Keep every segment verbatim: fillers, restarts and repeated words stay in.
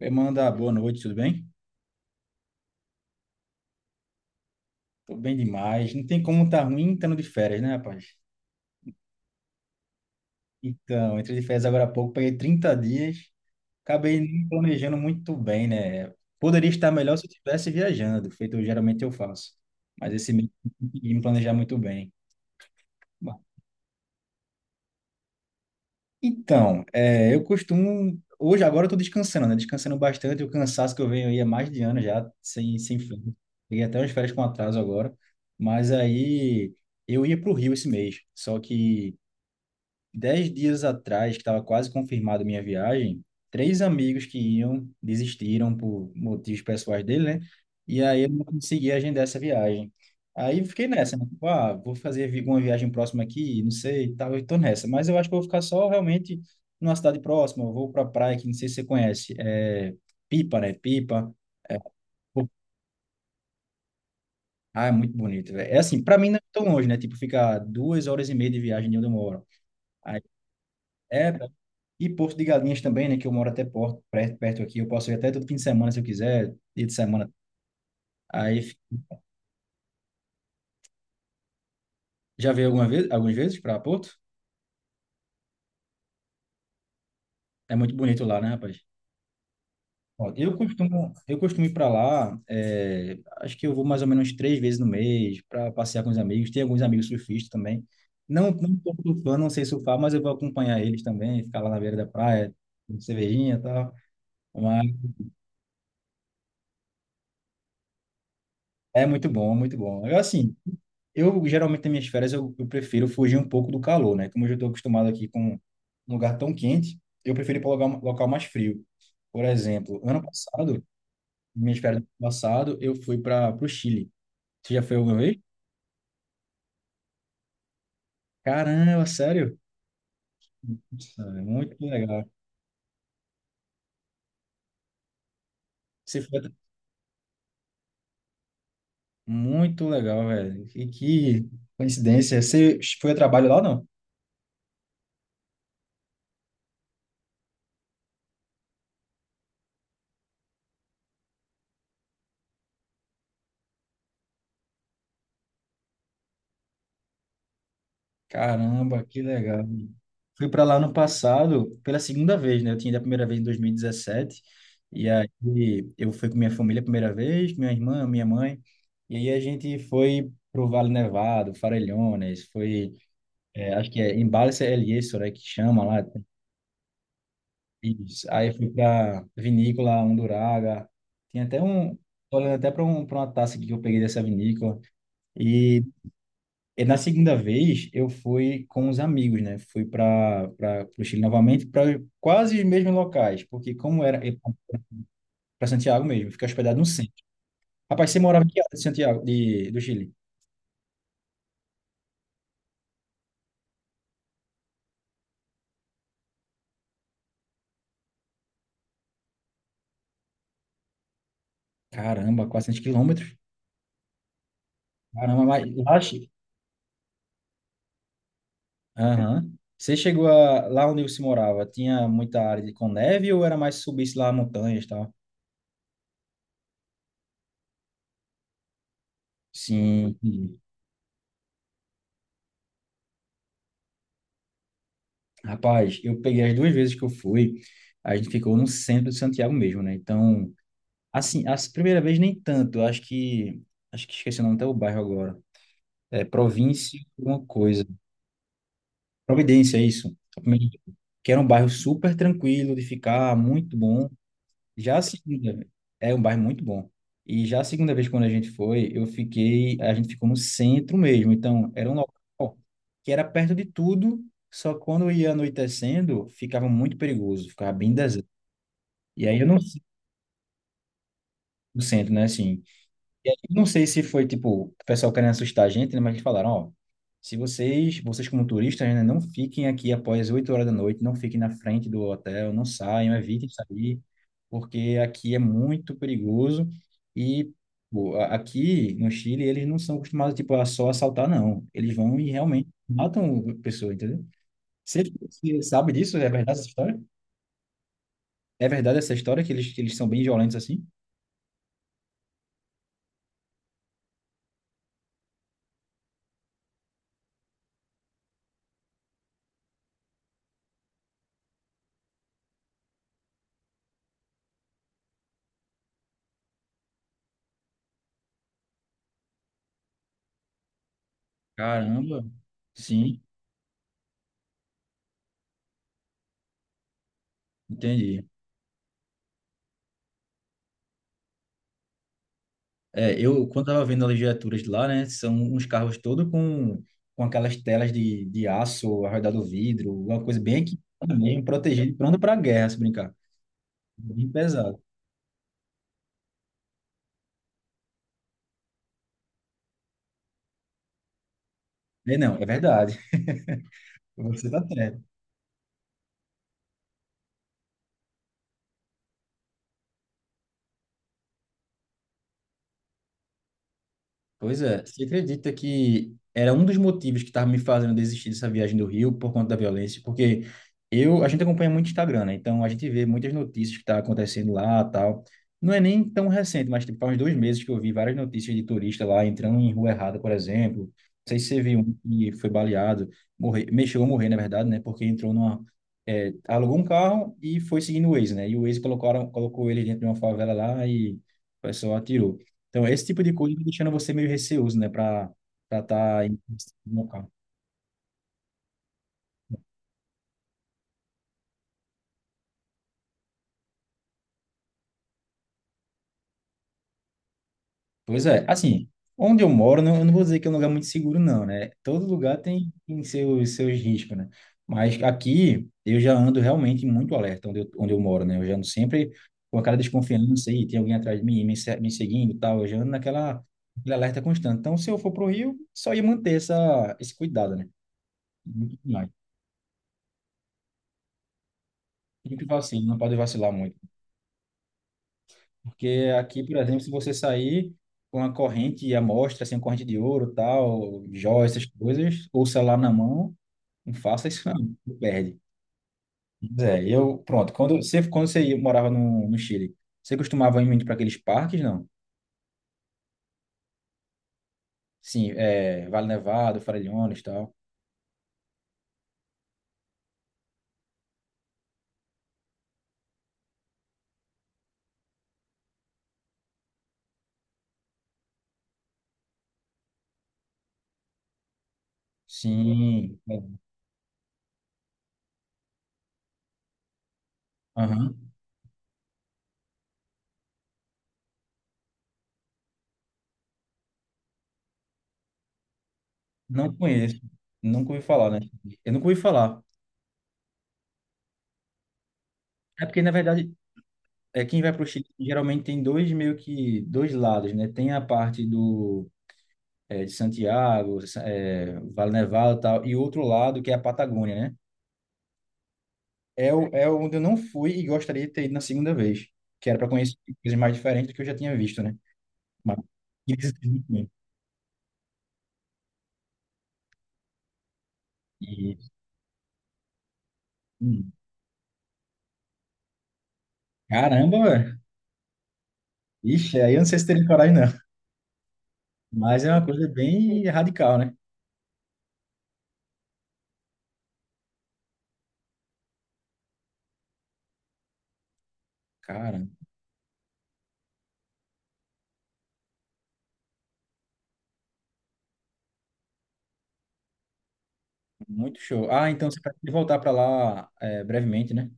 Eh, Manda, boa noite, tudo bem? Tô bem demais. Não tem como tá ruim estando de férias, né, rapaz? Então, entrei de férias agora há pouco, peguei trinta dias, acabei nem planejando muito bem, né? Poderia estar melhor se eu estivesse viajando, feito geralmente eu faço. Mas esse mês eu não consegui me planejar muito bem. Bom, então, eh, eu costumo. Hoje, agora eu tô descansando, né? Descansando bastante. O cansaço que eu venho aí é mais de ano já, sem, sem fim. Peguei até umas férias com atraso agora. Mas aí eu ia para o Rio esse mês, só que dez dias atrás, que estava quase confirmada a minha viagem, três amigos que iam desistiram por motivos pessoais dele, né? E aí eu não consegui agendar essa viagem. Aí eu fiquei nessa, né? Tipo, ah, vou fazer vi- uma viagem próxima aqui, não sei, e tal, eu tô nessa. Mas eu acho que eu vou ficar só realmente numa cidade próxima, eu vou pra praia que não sei se você conhece, é Pipa, né? Pipa. É, pô, ah, é muito bonito, velho. É assim, pra mim não é tão longe, né? Tipo, fica duas horas e meia de viagem de onde eu moro. Aí, é e Porto de Galinhas também, né? Que eu moro até Porto, perto, perto aqui. Eu posso ir até todo fim de semana se eu quiser, dia de semana. Aí, fi- já veio alguma vez, algumas vezes para Porto? É muito bonito lá, né, rapaz? Ó, eu costumo, eu costumo ir para lá. É, acho que eu vou mais ou menos três vezes no mês para passear com os amigos. Tem alguns amigos surfistas também. Não, não tô surfando, não sei surfar, mas eu vou acompanhar eles também, ficar lá na beira da praia, com cervejinha e tal. É muito bom, é muito bom. Eu, assim, eu geralmente nas minhas férias eu, eu prefiro fugir um pouco do calor, né? Como eu já estou acostumado aqui com um lugar tão quente, eu prefiro ir para um local, local mais frio. Por exemplo, ano passado, minhas férias do ano passado, eu fui para o Chile. Você já foi alguma vez? Caramba, sério? Nossa, é muito legal. Você foi a-, muito legal, velho. Que, que coincidência. Você foi a trabalho lá ou não? Caramba, que legal. Fui para lá no passado pela segunda vez, né? Eu tinha ido a primeira vez em dois mil e dezessete. E dezessete. E aí eu fui com minha família a primeira vez, minha irmã, minha mãe. E aí a gente foi pro Vale Nevado, Farellones, foi, é, acho que é Embalse El Yeso, né, que chama lá. Isso. Aí fui para Vinícola Unduraga. Tem até um, tô olhando até para um, para uma taça aqui que eu peguei dessa vinícola. E e na segunda vez, eu fui com os amigos, né? Fui para para o Chile novamente, para quase os mesmos locais, porque como era para Santiago mesmo, fiquei hospedado no centro. Rapaz, você morava em que área de Santiago, de, do Chile? Caramba, quatrocentos quilômetros. Caramba, mas lá... che-. Aham. Você chegou a, lá onde você morava, tinha muita área de, com neve ou era mais subisse lá montanhas e tal? Sim. Sim. Rapaz, eu peguei as duas vezes que eu fui, a gente ficou no centro de Santiago mesmo, né? Então... Assim, a primeira vez nem tanto. Eu acho que. Acho que esqueci o nome até o bairro agora. É Província, alguma coisa. Providência, é isso. A primeira vez. Que era um bairro super tranquilo de ficar, muito bom. Já a segunda vez. É um bairro muito bom. E já a segunda vez, quando a gente foi, eu fiquei. A gente ficou no centro mesmo. Então, era um local que era perto de tudo. Só que quando ia anoitecendo, ficava muito perigoso, ficava bem deserto. E aí eu não sei o centro, né? Assim. E aí, eu não sei se foi, tipo, o pessoal querendo assustar a gente, né? Mas eles falaram, ó, se vocês, vocês, como turistas, né, não fiquem aqui após oito horas da noite, não fiquem na frente do hotel, não saiam, evitem sair, porque aqui é muito perigoso e pô, a- aqui no Chile eles não são acostumados, tipo, a só assaltar, não. Eles vão e realmente matam a pessoa, entendeu? Você, você sabe disso? É verdade essa história? É verdade essa história que eles, que eles são bem violentos assim? Caramba, sim, entendi. É, eu, quando estava vendo as legiaturas de lá, né, são uns carros todos com, com aquelas telas de, de aço ao redor do vidro, uma coisa bem equipada mesmo, protegido pronto para a guerra, se brincar. Bem pesado. É, não, é verdade. Você está certo. Pois é, você acredita que era um dos motivos que estava me fazendo desistir dessa viagem do Rio por conta da violência? Porque eu, a gente acompanha muito o Instagram, né? Então a gente vê muitas notícias que tá acontecendo lá, tal. Não é nem tão recente, mas tipo, faz uns dois meses que eu vi várias notícias de turista lá entrando em rua errada, por exemplo. Não sei se você viu um que foi baleado, morreu, mexeu a morrer, na verdade, né? Porque entrou numa, é, alugou um carro e foi seguindo o Waze, né? E o Waze colocaram, colocou ele dentro de uma favela lá e o pessoal atirou. Então, esse tipo de coisa vai deixando você meio receoso, né, para para estar tá em no local. Pois é, assim, onde eu moro, não, eu não vou dizer que é um lugar muito seguro, não, né? Todo lugar tem, tem seus, seus riscos, né? Mas aqui eu já ando realmente muito alerta onde eu, onde eu moro, né? Eu já ando sempre com aquela desconfiança aí, tem alguém atrás de mim me, se- me seguindo e tal, eu já ando naquela, naquele alerta constante. Então, se eu for pro Rio, só ia manter essa, esse cuidado, né? Muito mais. Sempre que não pode vacilar muito. Porque aqui, por exemplo, se você sair com uma corrente à mostra, assim, uma corrente de ouro, tal, joias, essas coisas, ou celular na mão, não faça isso não, você perde. Pois é, eu, pronto, quando você, quando você ia- morava no, no Chile, você costumava ir muito para aqueles parques, não? Sim, é, Vale Nevado, Farellones, e tal. Sim, é, aham. Não conheço, nunca ouvi falar, né? Eu nunca ouvi falar. É porque, na verdade, é, quem vai para o Chile geralmente tem dois meio que dois lados, né? Tem a parte do eh, de Santiago, sa- eh, Vale Nevado e tal, e o outro lado, que é a Patagônia, né? É, o, é onde eu não fui e gostaria de ter ido na segunda vez, que era para conhecer coisas mais diferentes do que eu já tinha visto, né? Mas, e, hum, caramba, velho. Ixi, aí eu não sei se teria coragem, não. Mas é uma coisa bem radical, né? Cara, muito show. Ah, então você vai voltar para lá eh, brevemente, né?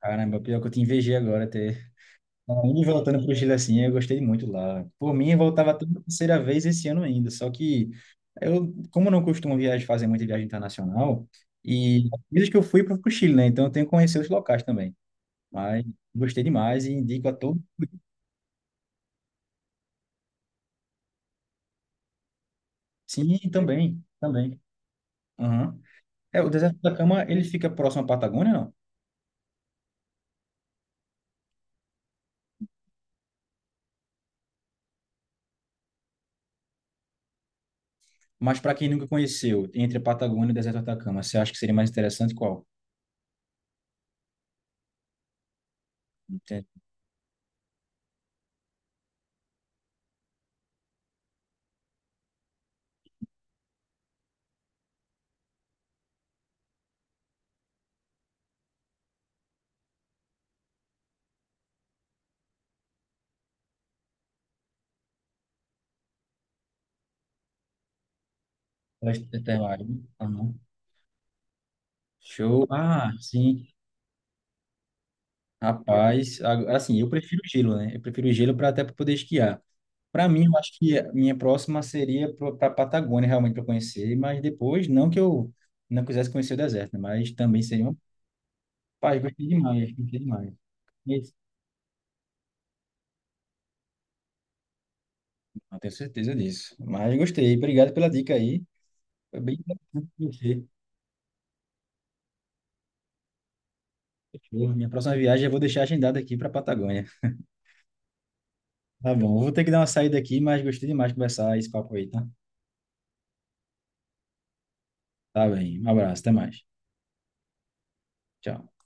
Caramba, pior que eu te invejei agora ter indo e voltando para o Chile assim, eu gostei muito lá. Por mim, eu voltava até a terceira vez esse ano ainda, só que eu, como não costumo viajar, fazer muita viagem internacional, e as vezes que eu fui para o Chile, né? Então eu tenho que conhecer os locais também. Mas gostei demais e indico a todos. Sim, também, também. Aham. É, o deserto do Atacama, ele fica próximo à Patagônia, não? Mas para quem nunca conheceu, entre a Patagônia e o deserto do Atacama, você acha que seria mais interessante qual? Tem- tem- tem lá, né? Aham. Show. Ah, sim. Rapaz, a- assim, eu prefiro gelo, né? Eu prefiro gelo para até pra poder esquiar. Para mim, eu acho que a minha próxima seria para Patagônia, realmente, para conhecer, mas depois, não que eu não quisesse conhecer o deserto, né? Mas também seria uma. Rapaz, gostei demais, gostei demais. Isso, não tenho certeza disso. Mas gostei, obrigado pela dica aí. Foi bem interessante conhecer. Fechou. Minha próxima viagem eu vou deixar agendada aqui para Patagônia. Tá bom, eu vou ter que dar uma saída aqui, mas gostei demais de conversar esse papo aí, tá? Tá bem, um abraço, até mais. Tchau.